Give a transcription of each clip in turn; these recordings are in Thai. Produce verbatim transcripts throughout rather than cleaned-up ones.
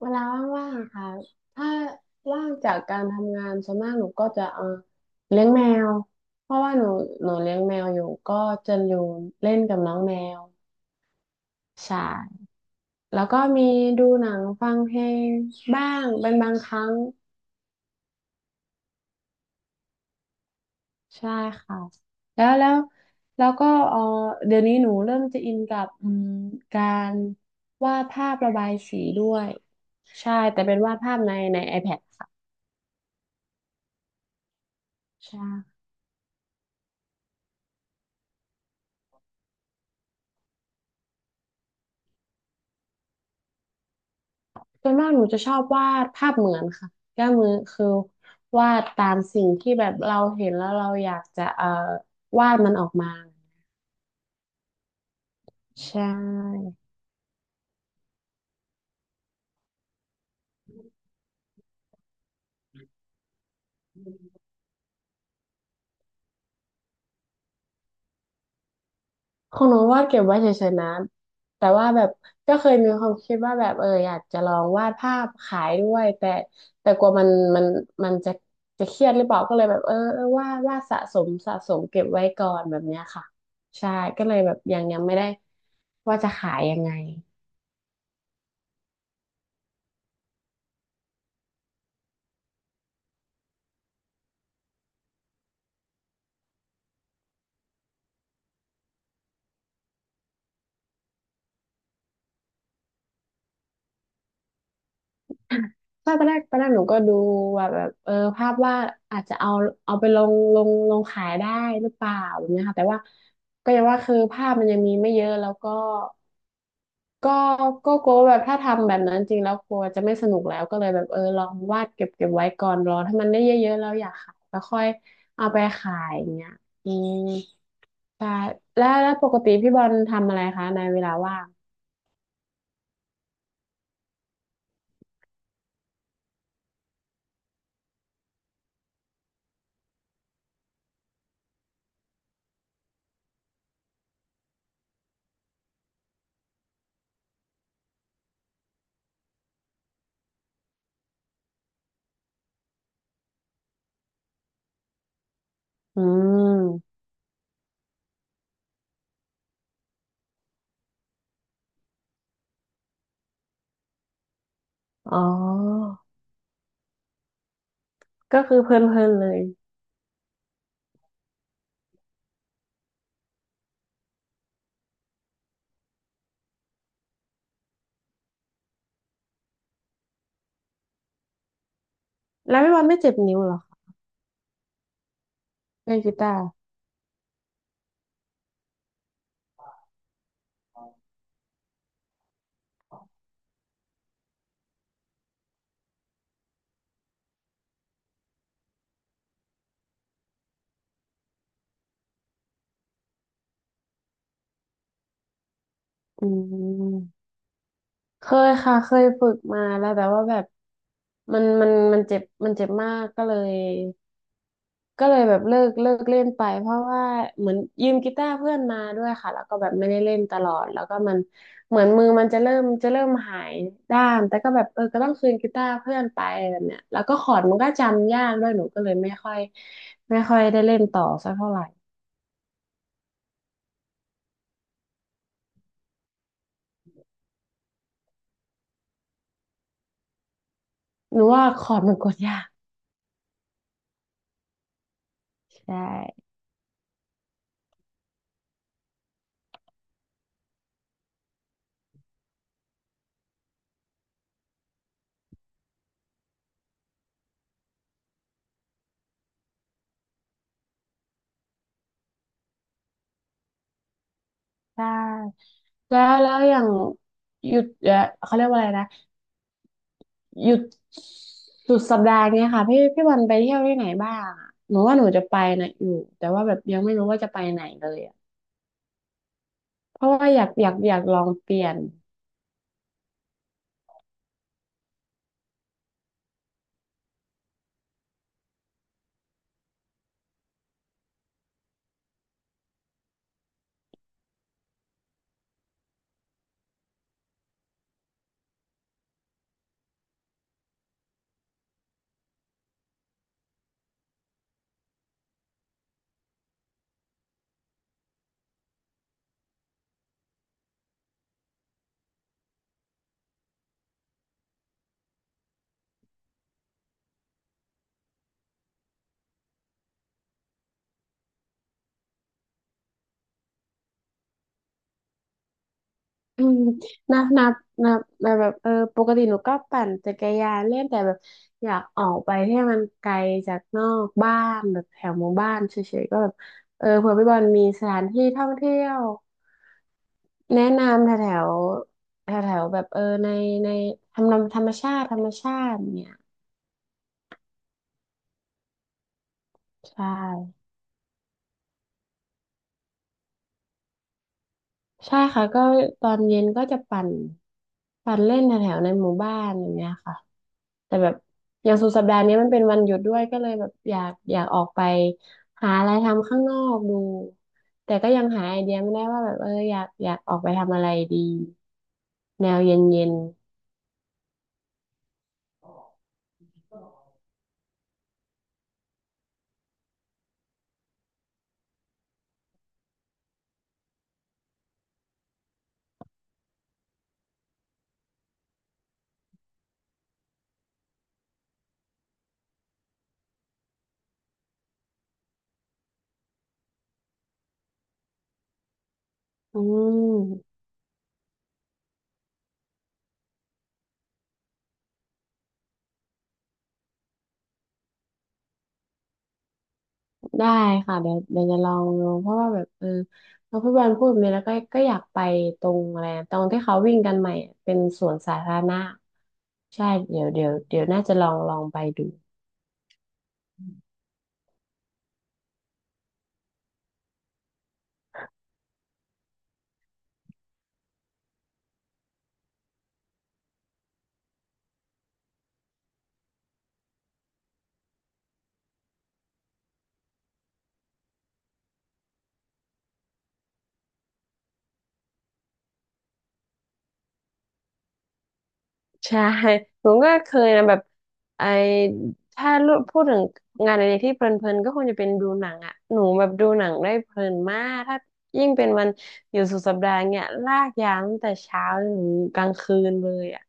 เวลาว่างๆอะค่ะถ้าว่างจากการทำงานส่วนมากหนูก็จะเออเลี้ยงแมวเพราะว่าหนูหนูเลี้ยงแมวอยู่ก็จะอยู่เล่นกับน้องแมวใช่แล้วก็มีดูหนังฟังเพลงบ้างเป็นบางครั้งใช่ค่ะแล้วแล้วแล้วก็เออเดี๋ยวนี้หนูเริ่มจะอินกับอืมการวาดภาพระบายสีด้วยใช่ แต่เป็นวาดภาพในใน ไอแพด ค่ะ ใช่ ส่วนมากหนูจะชอบวาดภาพเหมือนค่ะก็มือคือวาดตามสิ่งที่แบบเราเห็นแล้วเราอยากจะเอ่อวาดมันออกมาใช่ของหนูวาดเก็บไว้เฉยๆนะแต่ว่าแบบก็เคยมีความคิดว่าแบบเอออยากจะลองวาดภาพขายด้วยแต่แต่กลัวมันมันมันจะจะเครียดหรือเปล่าก็เลยแบบเออเออวาดวาดสะสมสะสมเก็บไว้ก่อนแบบเนี้ยค่ะใช่ก็เลยแบบยังยังไม่ได้ว่าจะขายยังไง ใช่ตอนแรกตอนแรกหนูก็ดูว่าแบบเออภาพว่าอาจจะเอาเอาไปลงลงลงขายได้หรือเปล่าแบบเนี้ยค่ะแต่ว่าก็อย่างว่าคือภาพมันยังมีไม่เยอะแล้วก็ก็ก็กลัวว่าแบบถ้าทำแบบนั้นจริงแล้วกลัวจะไม่สนุกแล้วก็เลยแบบเออลองวาดเก็บเก็บไว้ก่อนรอถ้ามันได้เยอะๆแล้วอยากขายก็ค่อยเอาไปขายอย่างเงี้ยอืมใช่แล้วแล้วปกติพี่บอลทำอะไรคะในเวลาว่างอืมอ๋อก็คือเพลินๆเลยแล้วพี่บอลไม่เจ็บนิ้วเหรอ เล่นกีตาร์อืมเคยค่ะเคยฝึกมาแล้วแต่ว่าแบบมันมันมันเจ็บมันเจ็บมากก็เลยก็เลยแบบเลิกเลิกเล่นไปเพราะว่าเหมือนยืมกีตาร์เพื่อนมาด้วยค่ะแล้วก็แบบไม่ได้เล่นตลอดแล้วก็มันเหมือนมือมันจะเริ่มจะเริ่มหายด้ามแต่ก็แบบเออก็ต้องคืนกีตาร์เพื่อนไปแบบเนี้ยแล้วก็คอร์ดมันก็จำยากด้วยหนูก็เลยไม่ค่อยไม่ค่อยได้เล่นต่อสักเท่าไหร่หนูว่าคอร์ดมันกดยากใช่ใช่ แล้วแล้วอย่างหยุดเออเขาเรียกว่าอะไรนะหยุดสุดสัปดาห์เนี้ยค่ะพี่พี่วันไปเที่ยวที่ไหนบ้างอะหนูว่าหนูจะไปนะอยู่แต่ว่าแบบยังไม่รู้ว่าจะไปไหนเลยอะเพราะว่าอยากอยากอยากลองเปลี่ยนอืมนะนะนะแบบแบบเออปกติหนูก็ปั่นจักรยานเล่นแต่แบบอยากออกไปให้มันไกลจากนอกบ้านแบบแถวหมู่บ้านเฉยๆก็แบบเออเผื่อพี่บอลมีสถานที่ท่องเที่ยว แนะนำแถวแถวแถวแถวแบบเออในในทำนำธรรมชาติธรรมชาติเนี่ยใช่ใช่ค่ะก็ตอนเย็นก็จะปั่นปั่นเล่นแถวแถวในหมู่บ้านอย่างเงี้ยค่ะแต่แบบอย่างสุดสัปดาห์นี้มันเป็นวันหยุดด้วยก็เลยแบบอยากอยากออกไปหาอะไรทำข้างนอกดูแต่ก็ยังหาไอเดียไม่ได้ว่าแบบเอออยากอยากออกไปทำอะไรดีแนวเย็นๆอืม ได้ค่ะเดี๋ยวเดี๋ยวจะลองลองเพราะว่าแบบเออพอพี่บอลพูดแบบนี้แล้วก็ก็อยากไปตรงอะไรนะตรงที่เขาวิ่งกันใหม่อะเป็นสวนสาธารณะใช่เดี๋ยวเดี๋ยวเดี๋ยวน่าจะลองลองไปดูใช่ผมก็เคยนะแบบไอถ้าพูดถึงงานอะไรที่เพลินๆก็คงจะเป็นดูหนังอ่ะหนูแบบดูหนังได้เพลินมากถ้ายิ่งเป็นวันอยู่สุดสัปดาห์เนี่ยลากยาวตั้งแต่เช้าจนถึงกลางคืนเลยอ่ะ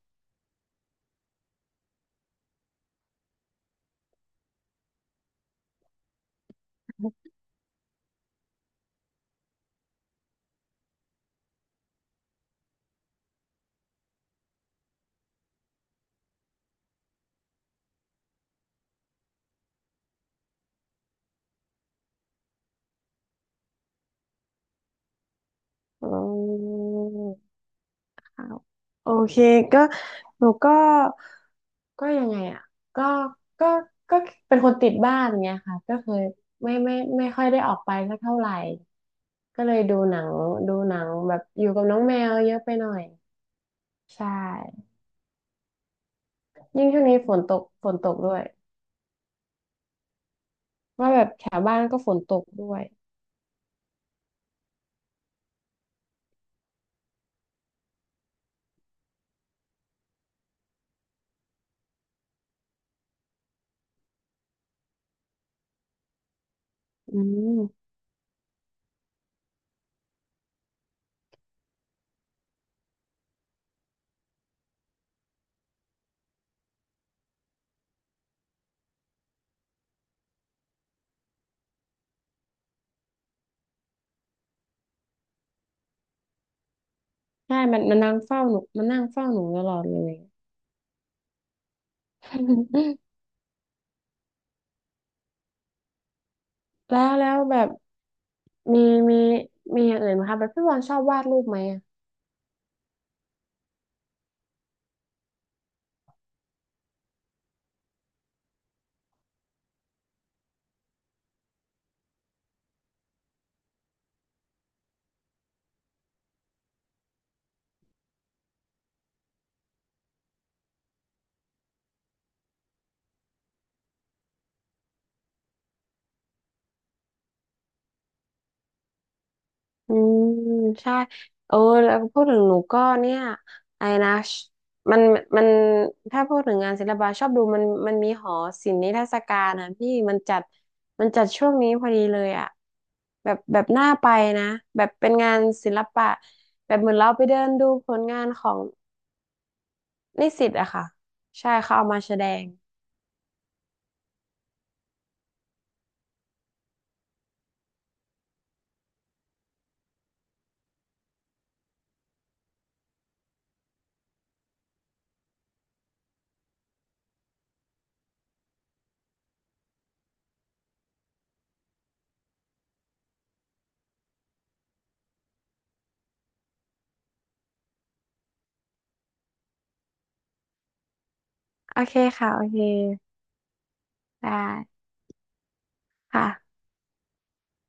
อืม อ้าวโอเคก็หนูก็ก็ยังไงอ่ะก็ก็ก็เป็นคนติดบ้านเงี้ยค่ะก็เคยไม่ไม่ไม่ค่อยได้ออกไปสักเท่าไหร่ก็เลยดูหนังดูหนังแบบอยู่กับน้องแมวเยอะไปหน่อยใช่ยิ่งช่วงนี้ฝนตกฝนตกด้วยว่าแบบแถวบ้านก็ฝนตกด้วยอืมใช่มันมันนั่งเฝ้าหนูมันนั่งเฝ้าหนูตลอดเลย แล้วแล้วแบบมีมีมีอย่างอื่นไหมคะแบบพี่บอลชอบวาดรูปไหม อืมใช่เออแล้วพูดถึงหนูก็เนี่ยไอ้นะชมันมันถ้าพูดถึงงานศิลปะชอบดูมันมันมีหอศิลป์นิทรรศการนะพี่มันจัดมันจัดช่วงนี้พอดีเลยอ่ะแบบแบบน่าไปนะแบบเป็นงานศิลปะแบบเหมือนเราไปเดินดูผลงานของนิสิตอะค่ะใช่เขาเอามาแสดงโอเคค่ะโอเคได้ค่ะ